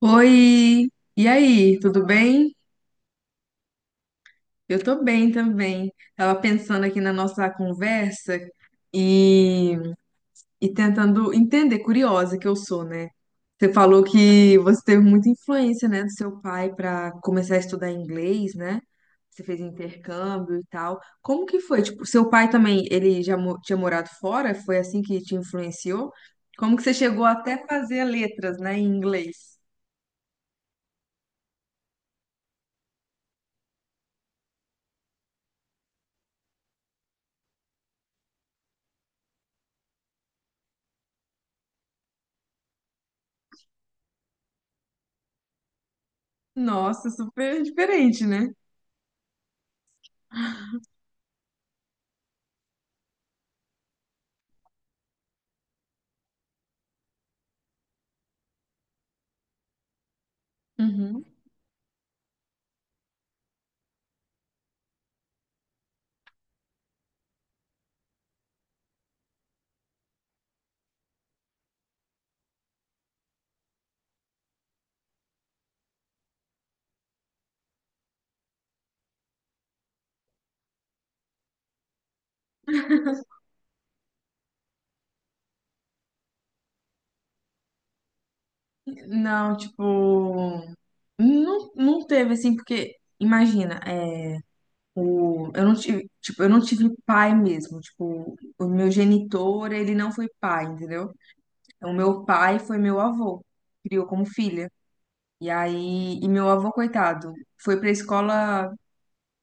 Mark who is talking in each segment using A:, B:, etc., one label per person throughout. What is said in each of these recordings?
A: Oi, e aí, tudo bem? Eu tô bem também. Tava pensando aqui na nossa conversa e, e tentando entender, curiosa que eu sou, né? Você falou que você teve muita influência, né, do seu pai para começar a estudar inglês, né? Você fez intercâmbio e tal. Como que foi? Tipo, seu pai também, tinha morado fora? Foi assim que te influenciou? Como que você chegou até a fazer letras, né, em inglês? Nossa, super diferente, né? Uhum. Não, tipo, não teve assim, porque imagina, é, eu não tive, tipo, eu não tive pai mesmo, tipo, o meu genitor, ele não foi pai, entendeu? O meu pai foi meu avô, criou como filha. E meu avô, coitado, foi pra escola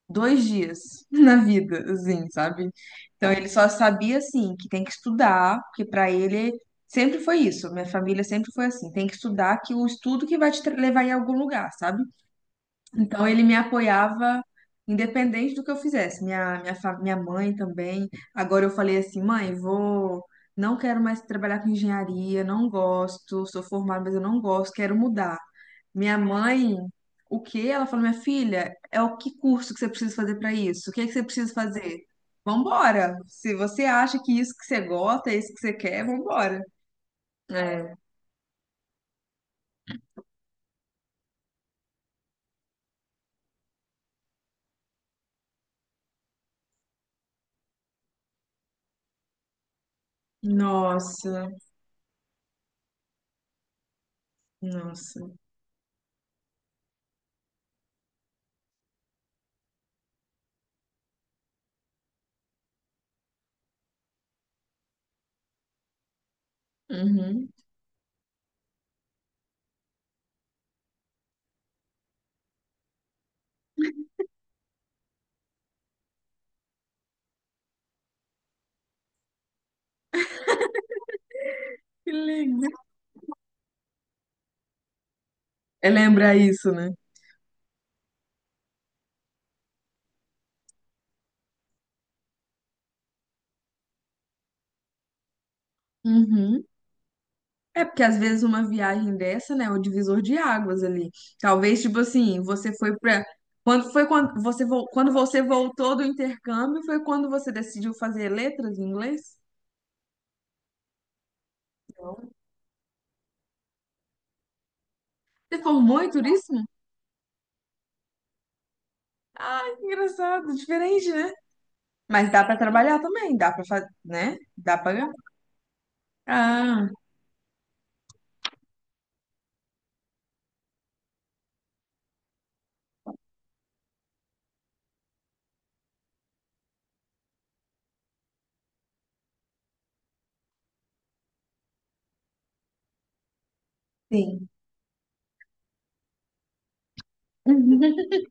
A: dois dias na vida, assim, sabe? Então ele só sabia assim que tem que estudar, porque pra ele sempre foi isso. Minha família sempre foi assim, tem que estudar que o estudo que levar em algum lugar, sabe? Então ele me apoiava independente do que eu fizesse. Minha mãe também. Agora eu falei assim, mãe, vou, não quero mais trabalhar com engenharia, não gosto, sou formada, mas eu não gosto, quero mudar. Minha mãe, o quê? Ela falou, minha filha, é o que curso que você precisa fazer para isso? O que é que você precisa fazer? Vambora! Se você acha que isso que você gosta, é isso que você quer, vambora. É. Nossa, nossa. Uhum. Que lindo. É lembrar isso, né? Uhum. É porque às vezes uma viagem dessa, né, é o divisor de águas ali. Talvez, tipo assim, você foi pra. Quando foi quando quando você voltou do intercâmbio, foi quando você decidiu fazer letras em inglês? Não. Você formou em turismo? Ah, que engraçado, diferente, né? Mas dá pra trabalhar também, dá pra fazer, né? Dá pra ganhar. Ah, sim.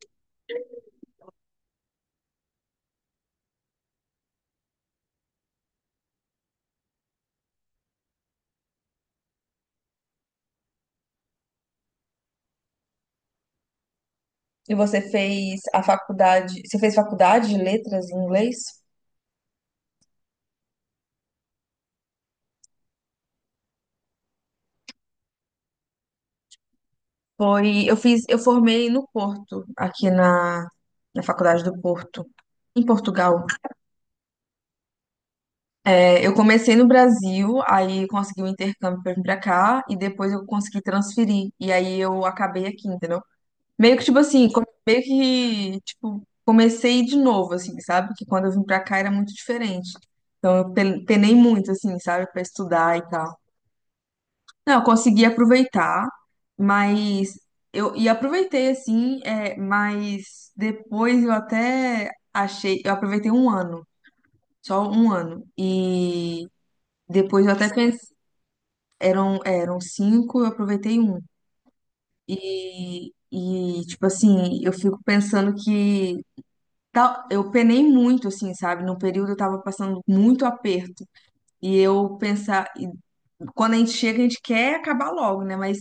A: E você fez a faculdade, você fez faculdade de letras em inglês? Foi, eu fiz, eu formei no Porto, na Faculdade do Porto, em Portugal. É, eu comecei no Brasil, aí consegui o intercâmbio pra vir pra cá, e depois eu consegui transferir. E aí eu acabei aqui, entendeu? Meio que, tipo, comecei de novo, assim, sabe? Que quando eu vim pra cá era muito diferente. Penei muito, assim, sabe? Pra estudar e tal. Não, eu consegui aproveitar, mas eu aproveitei assim, é, mas depois eu até achei, eu aproveitei um ano, só um ano. E depois eu até pensei, eram cinco, eu aproveitei um. E tipo assim, eu fico pensando que tal, eu penei muito, assim, sabe? Num período eu tava passando muito aperto. E eu pensar, e quando a gente chega, a gente quer acabar logo, né? Mas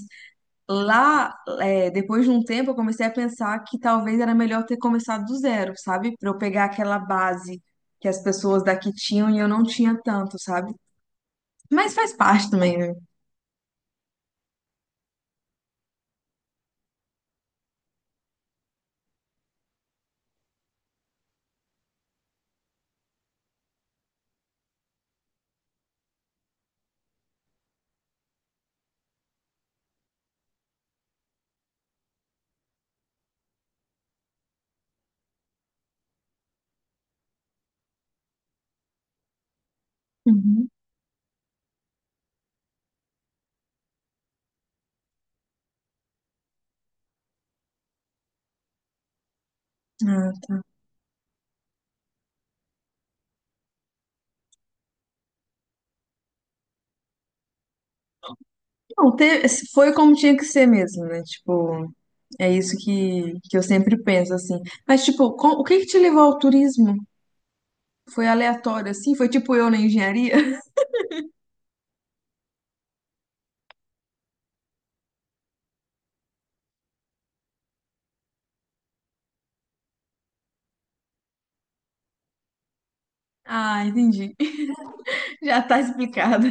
A: lá, é, depois de um tempo, eu comecei a pensar que talvez era melhor ter começado do zero, sabe? Pra eu pegar aquela base que as pessoas daqui tinham e eu não tinha tanto, sabe? Mas faz parte também, né? Uhum. Ah, tá. Não, te- foi como tinha que ser mesmo, né? Tipo, é isso que eu sempre penso, assim. Mas, tipo, o que que te levou ao turismo? Foi aleatório, assim? Foi tipo eu na engenharia? Ah, entendi. Já tá explicado.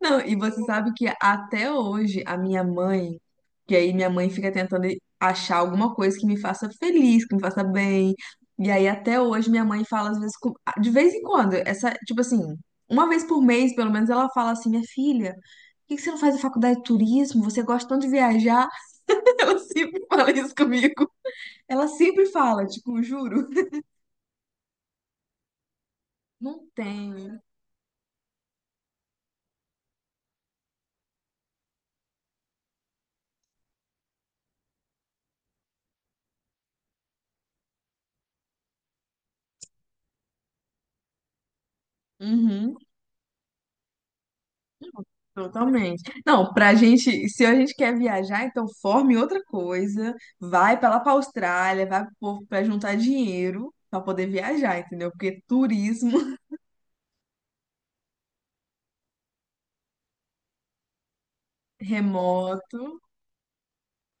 A: Não, e você sabe que até hoje a minha mãe, que aí minha mãe fica tentando achar alguma coisa que me faça feliz, que me faça bem. E aí até hoje minha mãe fala às vezes, de vez em quando, essa, tipo assim, uma vez por mês, pelo menos ela fala assim, minha filha, por que que você não faz a faculdade de turismo? Você gosta tanto de viajar? Ela sempre fala isso comigo. Ela sempre fala, tipo, juro, não tenho. Uhum. Totalmente. Não, pra gente, se a gente quer viajar, então forme outra coisa, vai pra lá pra Austrália, vai pro povo pra juntar dinheiro pra poder viajar, entendeu? Porque turismo remoto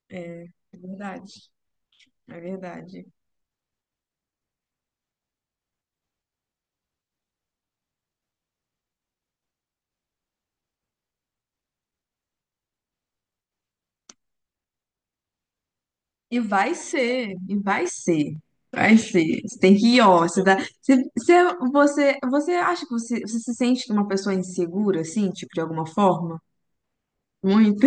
A: é é verdade, é verdade. E vai ser, e vai ser, vai ser. Você tem que ir, ó, você dá, se você, você acha que você, você se sente uma pessoa insegura, assim, tipo, de alguma forma? Muito?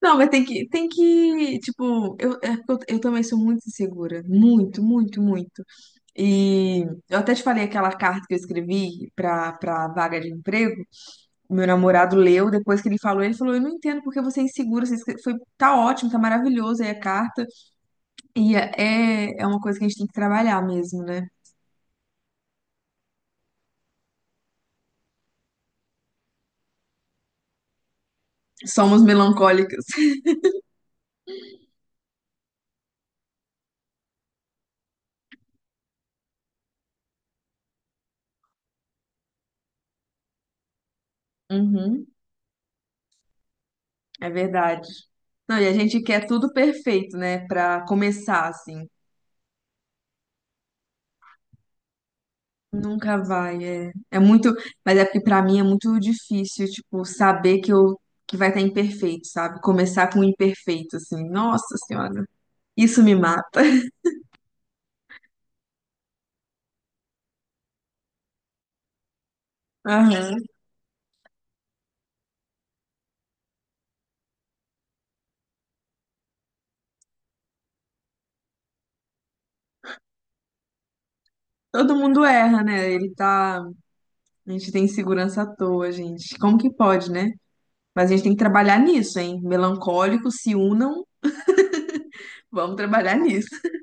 A: Não, mas tem que, tipo, eu, é porque eu também sou muito insegura, muito, muito, muito. E eu até te falei aquela carta que eu escrevi pra vaga de emprego, meu namorado leu, depois que ele falou, eu não entendo porque você é insegura, você escre- foi, tá ótimo, tá maravilhoso aí a carta, e é, é uma coisa que a gente tem que trabalhar mesmo, né? Somos melancólicas. Uhum, é verdade. Não, e a gente quer tudo perfeito, né, pra começar, assim. Nunca vai, é. É muito, mas é porque pra mim é muito difícil, tipo, saber que eu que vai estar imperfeito, sabe? Começar com o imperfeito, assim. Nossa Senhora, isso me mata. Aham. Todo mundo erra, né? Ele tá, a gente tem insegurança à toa, gente. Como que pode, né? Mas a gente tem que trabalhar nisso, hein? Melancólicos se unam, vamos trabalhar nisso.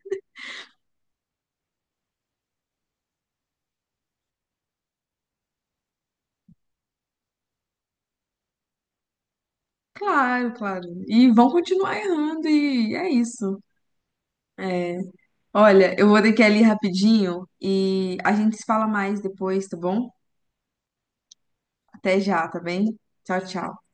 A: Claro, claro. E vão continuar errando e é isso. É. Olha, eu vou ter que ir ali rapidinho e a gente se fala mais depois, tá bom? Até já, tá bem? Tchau, tchau.